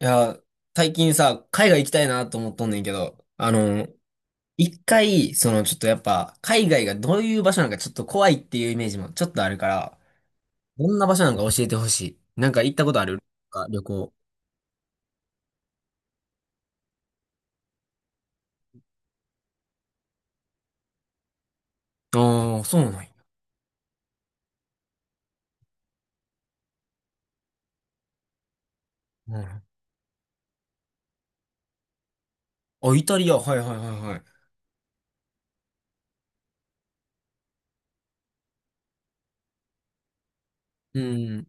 いや、最近さ、海外行きたいなと思っとんねんけど、一回、そのちょっとやっぱ、海外がどういう場所なんかちょっと怖いっていうイメージもちょっとあるから、どんな場所なんか教えてほしい。なんか行ったことあるか、旅行。ああ、そうなんや。うん。あ、イタリア、はいはいはいはい。うん、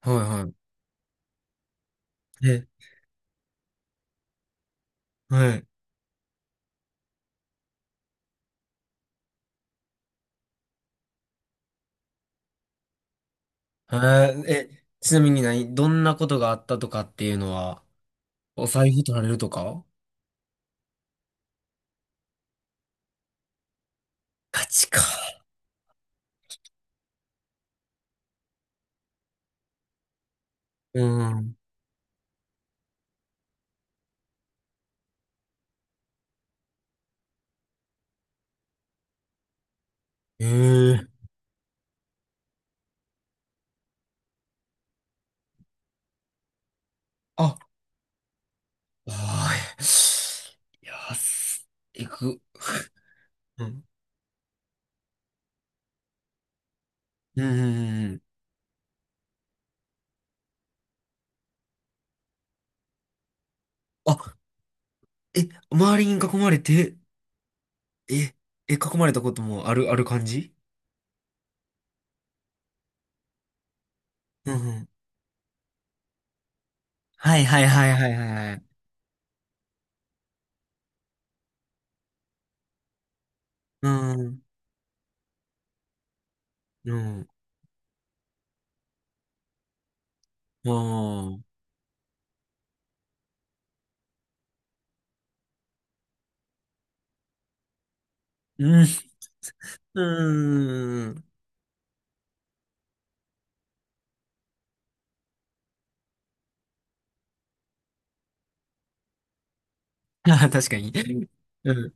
はいはい。え、はい。えー、え、ちなみにどんなことがあったとかっていうのは、お財布取られるとか、ガチか。うん。ええ。ああー、いやー、行く。うん。うん。うんうん。あ、え、周りに囲まれて、え、え、囲まれたこともある感じ。うんうん。はいはいはいはいはいはい。うん。うん。ああ。うん。うん。ああ、確かに。うん。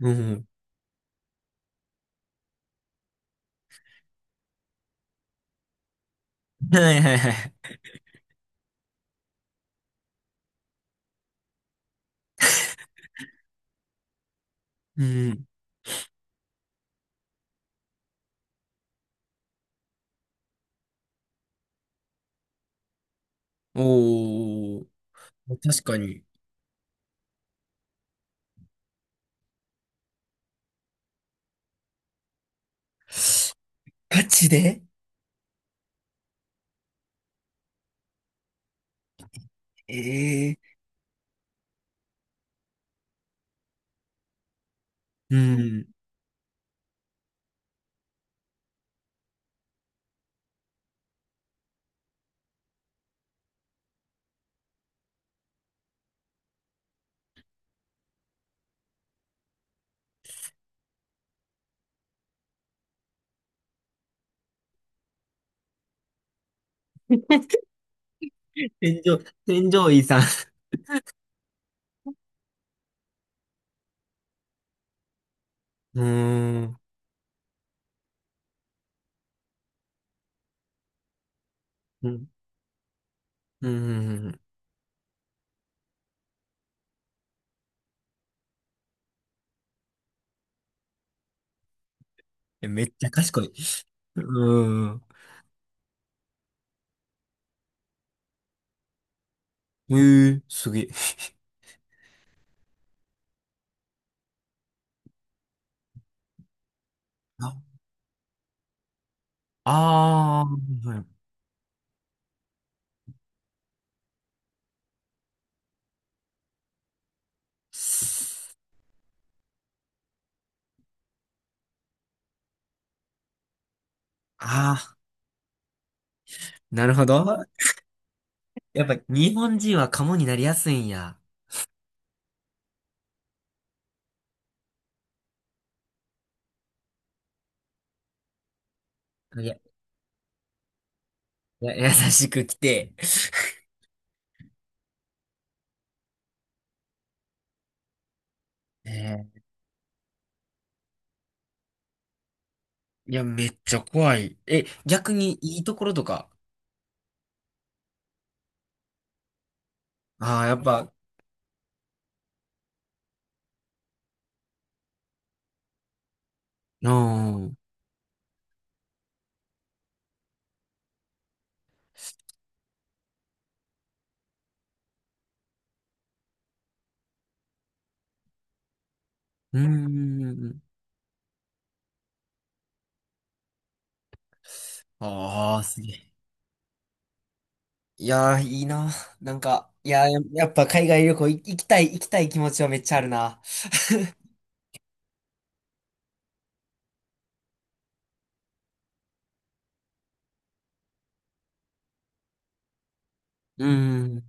うん。はいはいはい。うん。おー。確かに。ガチで。ええー。うん。天井、天井医さん。うーん。うん。うん。え、めっちゃ賢い。うーん。すげえ。ああー、はい。あー、なるほど。やっぱ日本人はカモになりやすいんや。いや、優しく来て。えーいや、めっちゃ怖い。え、逆にいいところとか。ああ、やっぱ、うん。うーん。ああ、すげえ。いやー、いいな。なんか、いやー、やっぱ海外旅行行きたい、気持ちはめっちゃあるな。うーん。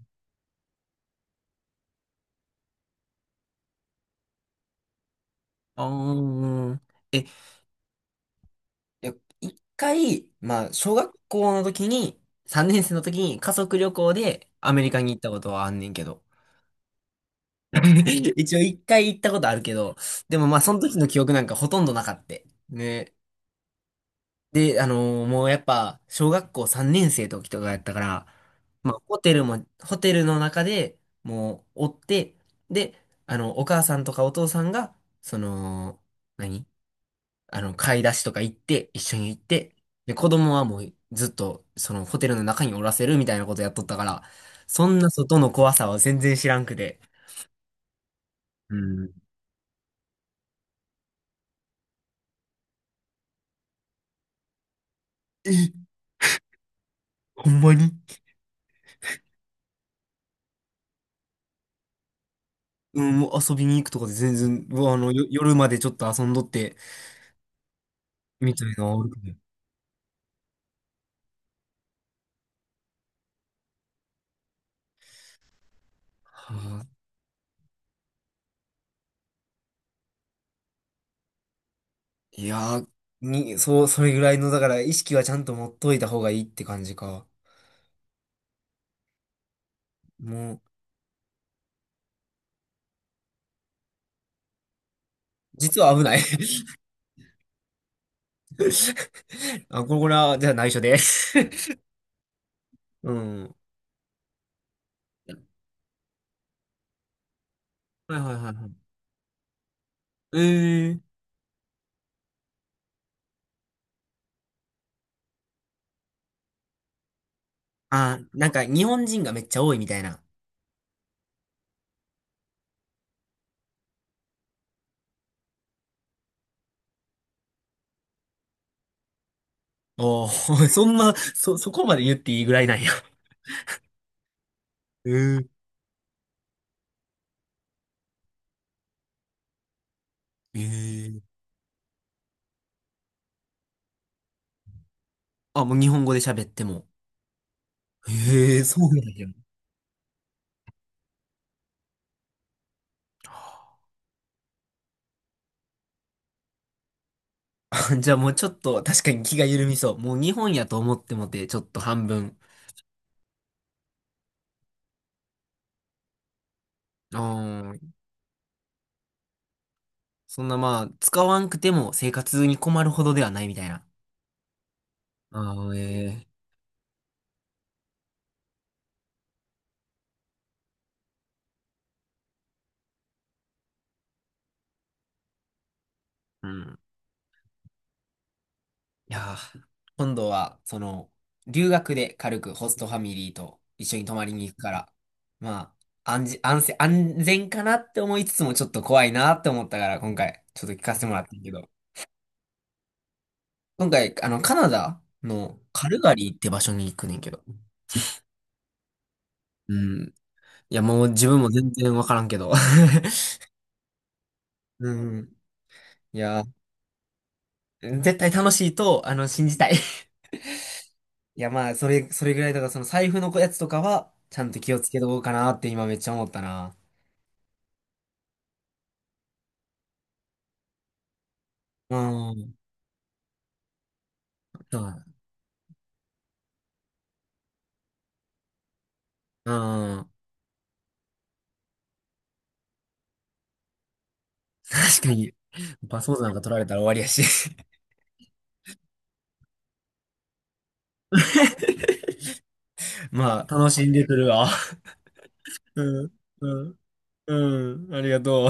ああ。いや、一回、まあ、小学校の時に、3年生の時に家族旅行でアメリカに行ったことはあんねんけど。一応一回行ったことあるけど、でもまあ、その時の記憶なんかほとんどなかった。ね。で、もうやっぱ、小学校3年生の時とかやったから、まあ、ホテルの中でもう、おって、で、お母さんとかお父さんが、その、何買い出しとか行って、一緒に行って、で、子供はもう、ずっと、その、ホテルの中におらせるみたいなことやっとったから、そんな外の怖さは全然知らんくて。うん。え、ほんまに。うん、もう遊びに行くとかで全然、うわ夜までちょっと遊んどって、みたいなのあるけど。はあ、いやー、そう、それぐらいの、だから意識はちゃんと持っといた方がいいって感じか。もう、実は危ない。 あ、これは、じゃあ内緒で。 うん。はいはいはいはい。えー。あ、なんか日本人がめっちゃ多いみたいな。おー、そんな、そこまで言っていいぐらいなんや。えー。えー。あ、もう日本語で喋っても。ええ、そうなんや。じゃあもうちょっと確かに気が緩みそう。もう日本やと思ってもて、ちょっと半分。あー、そんなまあ、使わんくても生活に困るほどではないみたいな。ああ、ええ。うん。いやー、今度は、その、留学で軽くホストファミリーと一緒に泊まりに行くから、まあ、安全、安全、安全かなって思いつつもちょっと怖いなって思ったから、今回、ちょっと聞かせてもらったけど。今回、カナダのカルガリーって場所に行くねんけど。うん。いや、もう自分も全然わからんけど。うん。いやー、絶対楽しいと、信じたい。いや、まあ、それぐらいだから、その財布のやつとかは、ちゃんと気をつけとこうかなって今めっちゃ思ったな。うん。そうだ。うん。確かに、パスポートなんか取られたら終わりやし。まあ、楽しんでくるわ。うん、うん、うん、ありがとう。